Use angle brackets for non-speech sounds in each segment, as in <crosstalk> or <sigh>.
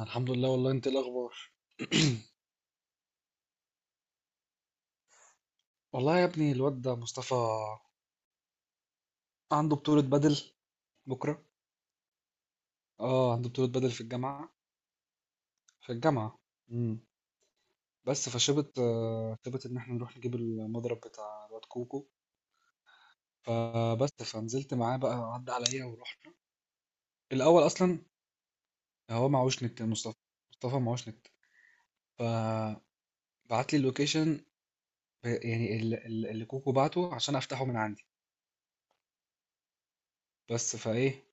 الحمد لله. والله انت ايه الاخبار؟ والله يا ابني الواد ده مصطفى عنده بطولة بدل بكرة. اه، عنده بطولة بدل في الجامعة، في الجامعة. امم بس فشبت شبت ان احنا نروح نجيب المضرب بتاع الواد كوكو، فبس فنزلت معاه بقى، عدى عليا ورحنا. الاول اصلا هو معهوش نت مصطفى. مصطفى معهوش نت، فبعت لي اللوكيشن اللي كوكو بعته عشان افتحه من عندي. بس فايه،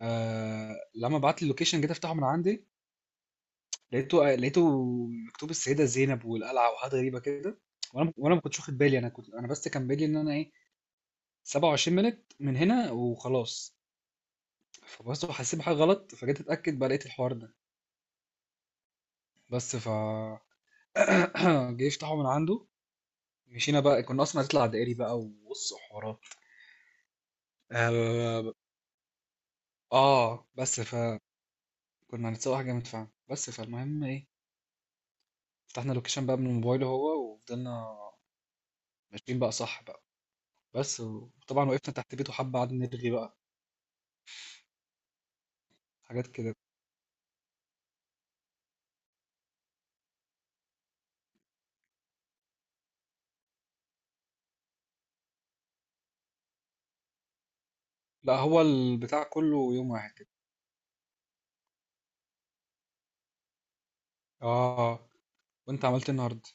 آه، لما بعت لي اللوكيشن جيت افتحه من عندي، لقيته مكتوب السيدة زينب والقلعة وحاجات غريبة كده. وانا ما كنتش واخد بالي، انا كنت، انا بس كان بالي ان انا ايه، 27 مينت من هنا وخلاص. فبس حسيت بحاجة غلط، فجيت اتأكد بقى لقيت الحوار ده. بس ف <clears throat> جه يفتحه من عنده، مشينا بقى. كنا اصلا هنطلع دائري بقى، وبص حوارات. آه, اه بس فكنا هنتسوق حاجة جامد فعلا. بس فالمهم ايه، فتحنا اللوكيشن بقى من موبايله هو، وفضلنا ماشيين بقى، صح بقى. بس وطبعا وقفنا تحت بيته حبة، قعدنا نرغي بقى حاجات كده. لا هو البتاع كله يوم واحد كده. اه. وانت عملت إيه النهارده؟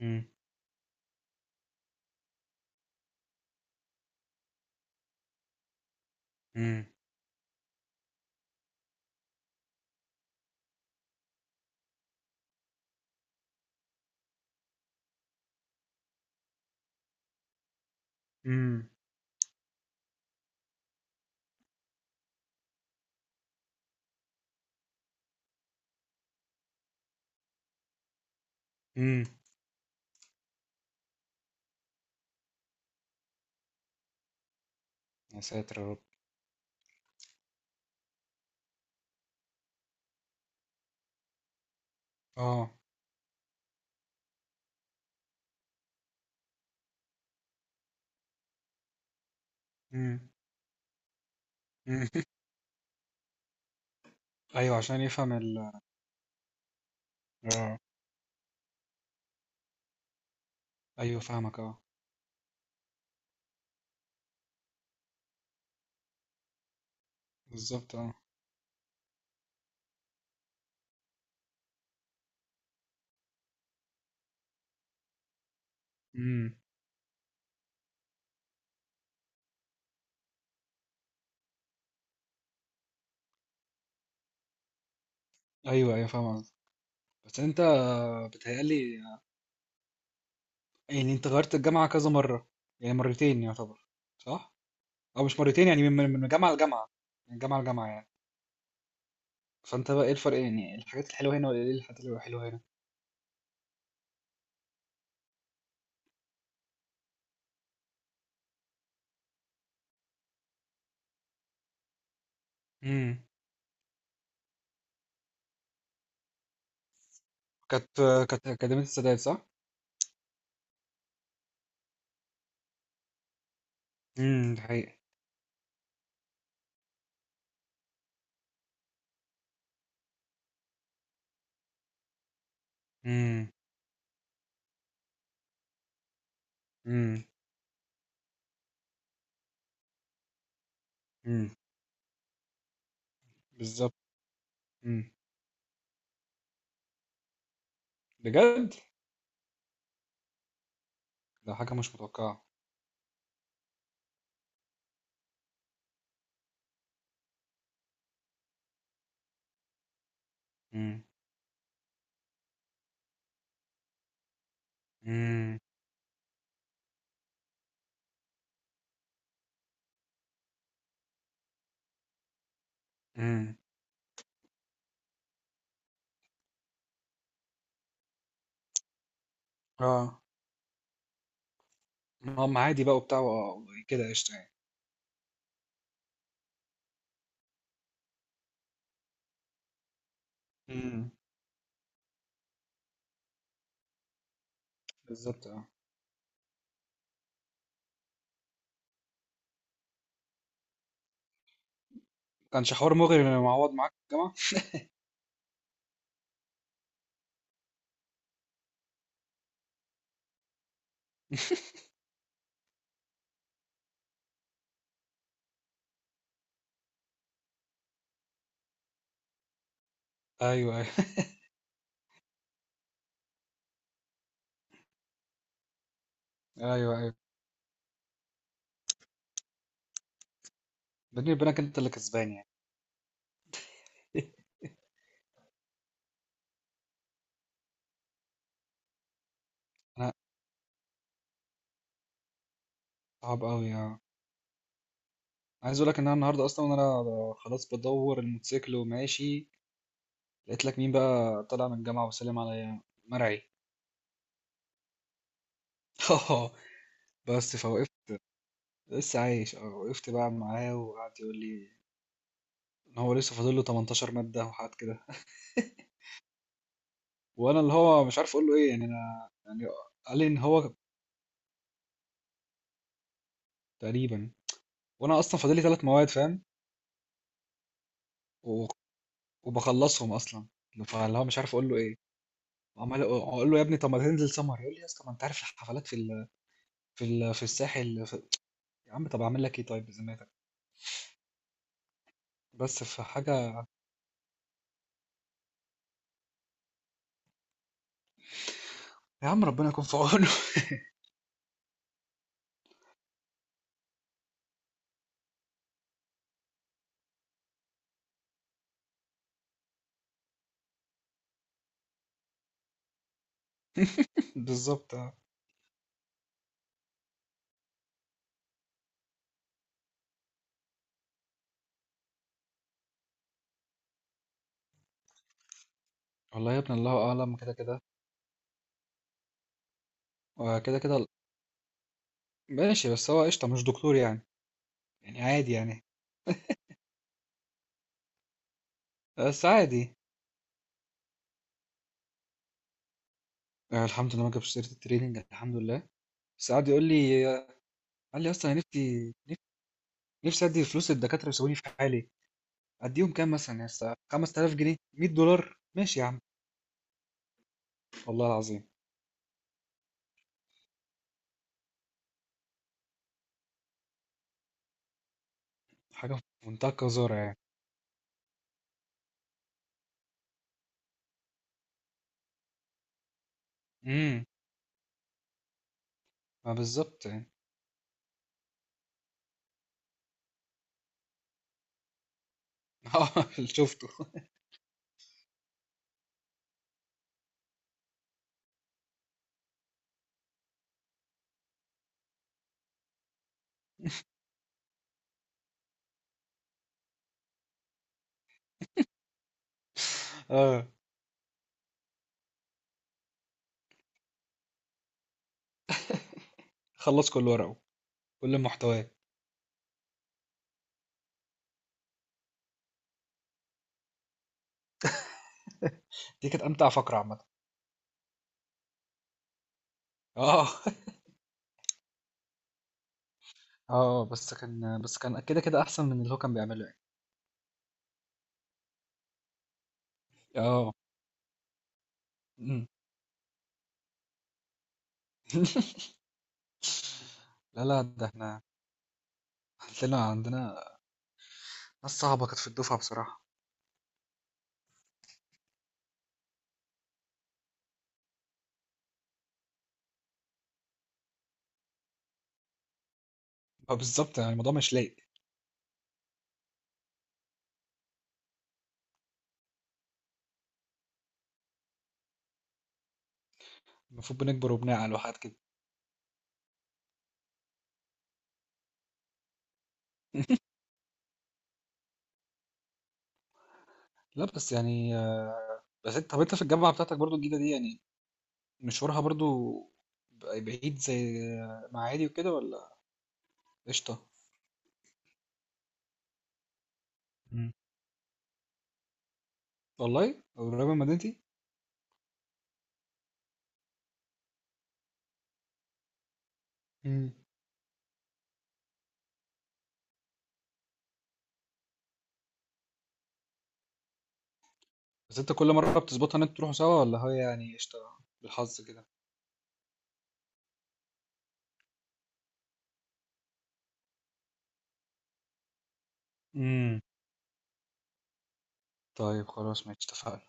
امم امم امم امم يا ساتر يا رب. اه. امم امم <laughs> ايوه، عشان يفهم ال… اه. ايوه فاهمك، اه. بالظبط، اه. امم ايوه ايوه فاهم قصدك. بس انت، بتهيألي يعني انت غيرت الجامعه كذا مره، يعني مرتين يعتبر، صح؟ او مش مرتين، يعني من جامعه لجامعه، من جامعه لجامعه يعني. فانت بقى ايه الفرق، يعني الحاجات الحلوه هنا ولا ايه الحاجات الحلوه هنا؟ امم كانت، كانت أكاديمية السادات صح؟ ده حقيقي. امم امم امم بالظبط. امم بجد؟ ده حاجة مش متوقعة. امم امم امم اه، هم عادي بقى وبتاع و- كده قشطة يعني. امم بالظبط، اه. كانش حوار مغري ان معوض معاك في الجامعة؟ ايوه ايوه. ايوه ايوه. بيني وبينك انت اللي كسبان يعني. <laughs> انا، صعب قوي، اه. عايز اقول لك ان انا النهارده اصلا، وانا خلاص بدور الموتوسيكل وماشي، لقيت لك مين بقى طالع من الجامعة وسلم عليا؟ مرعي. <laughs> آه، بس فوقفت، لسه عايش اه. وقفت بقى معاه، وقعد يقول لي ان هو لسه فاضل له 18 مادة وحاجات كده. <laughs> وانا اللي هو مش عارف اقول له ايه، يعني انا يعني. قال لي ان هو تقريبا. وانا اصلا فاضل لي 3 مواد فاهم، و- وبخلصهم اصلا. فاللي هو مش عارف اقول له ايه. وعمال اقول له يا ابني طب ما تنزل سمر، يقول لي يا اسطى ما انت عارف الحفلات في ال، في ال، في الساحل في… يا عم طب اعمل لك ايه طيب بذمتك؟ بس في حاجه. يا عم ربنا يكون في عونه. <laughs> بالظبط، آه. والله يا ابني الله اعلم كده كده. وكده كده ماشي. بس هو قشطة مش دكتور يعني، يعني عادي يعني، بس عادي. الحمد لله ما جابش سيرة الtraining، الحمد لله. بس قعد يقول لي، قال لي: "أصلًا أنا نفسي أدّي فلوس للدكاترة ويسيبوني في حالي." أدّيهم كام مثلًا يا أسطى، 5000 جنيه، $100 ماشي يا عم، والله العظيم. حاجة في منتهى القذارة يعني. إمم، ما بالضبط يعني. <laughs> آه اللي شُفته. <laughs> آه، خلّص كل ورقه، كل محتواه. دي كانت أمتع فقرة عامةً. آه. <laughs> آه، بس كان، بس كان كده، كده أحسن من اللي هو كان بيعمله يعني. آه. إمم. <laughs> لا، لأ، ده إحنا عندنا ناس صعبة كانت في الدفعة بصراحة. ما بالضبط، يعني الموضوع مش لايق. المفروض بنكبر وبنعقل وحاجات كده. لأ، بس يعني بس أنت، طَب أنت في الجامعة بتاعتك برضه الجديدة دي، يعني مشوارها برضه بعيد زي آه، معادي وكده، والّا قشطة؟ إمم. والله؟ قريبة من مدينتي؟ إمم. بس أنت كل مرة بتضبطها إن أنتوا تروحوا سوا، والّا هي يعني قشطة بالحظ كده؟ إمم. طيب خلاص ماشي، اتفقنا.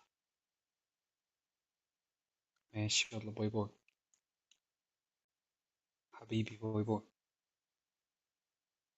ماشي، يالّا باي، باي. حبيبي، باي، باي.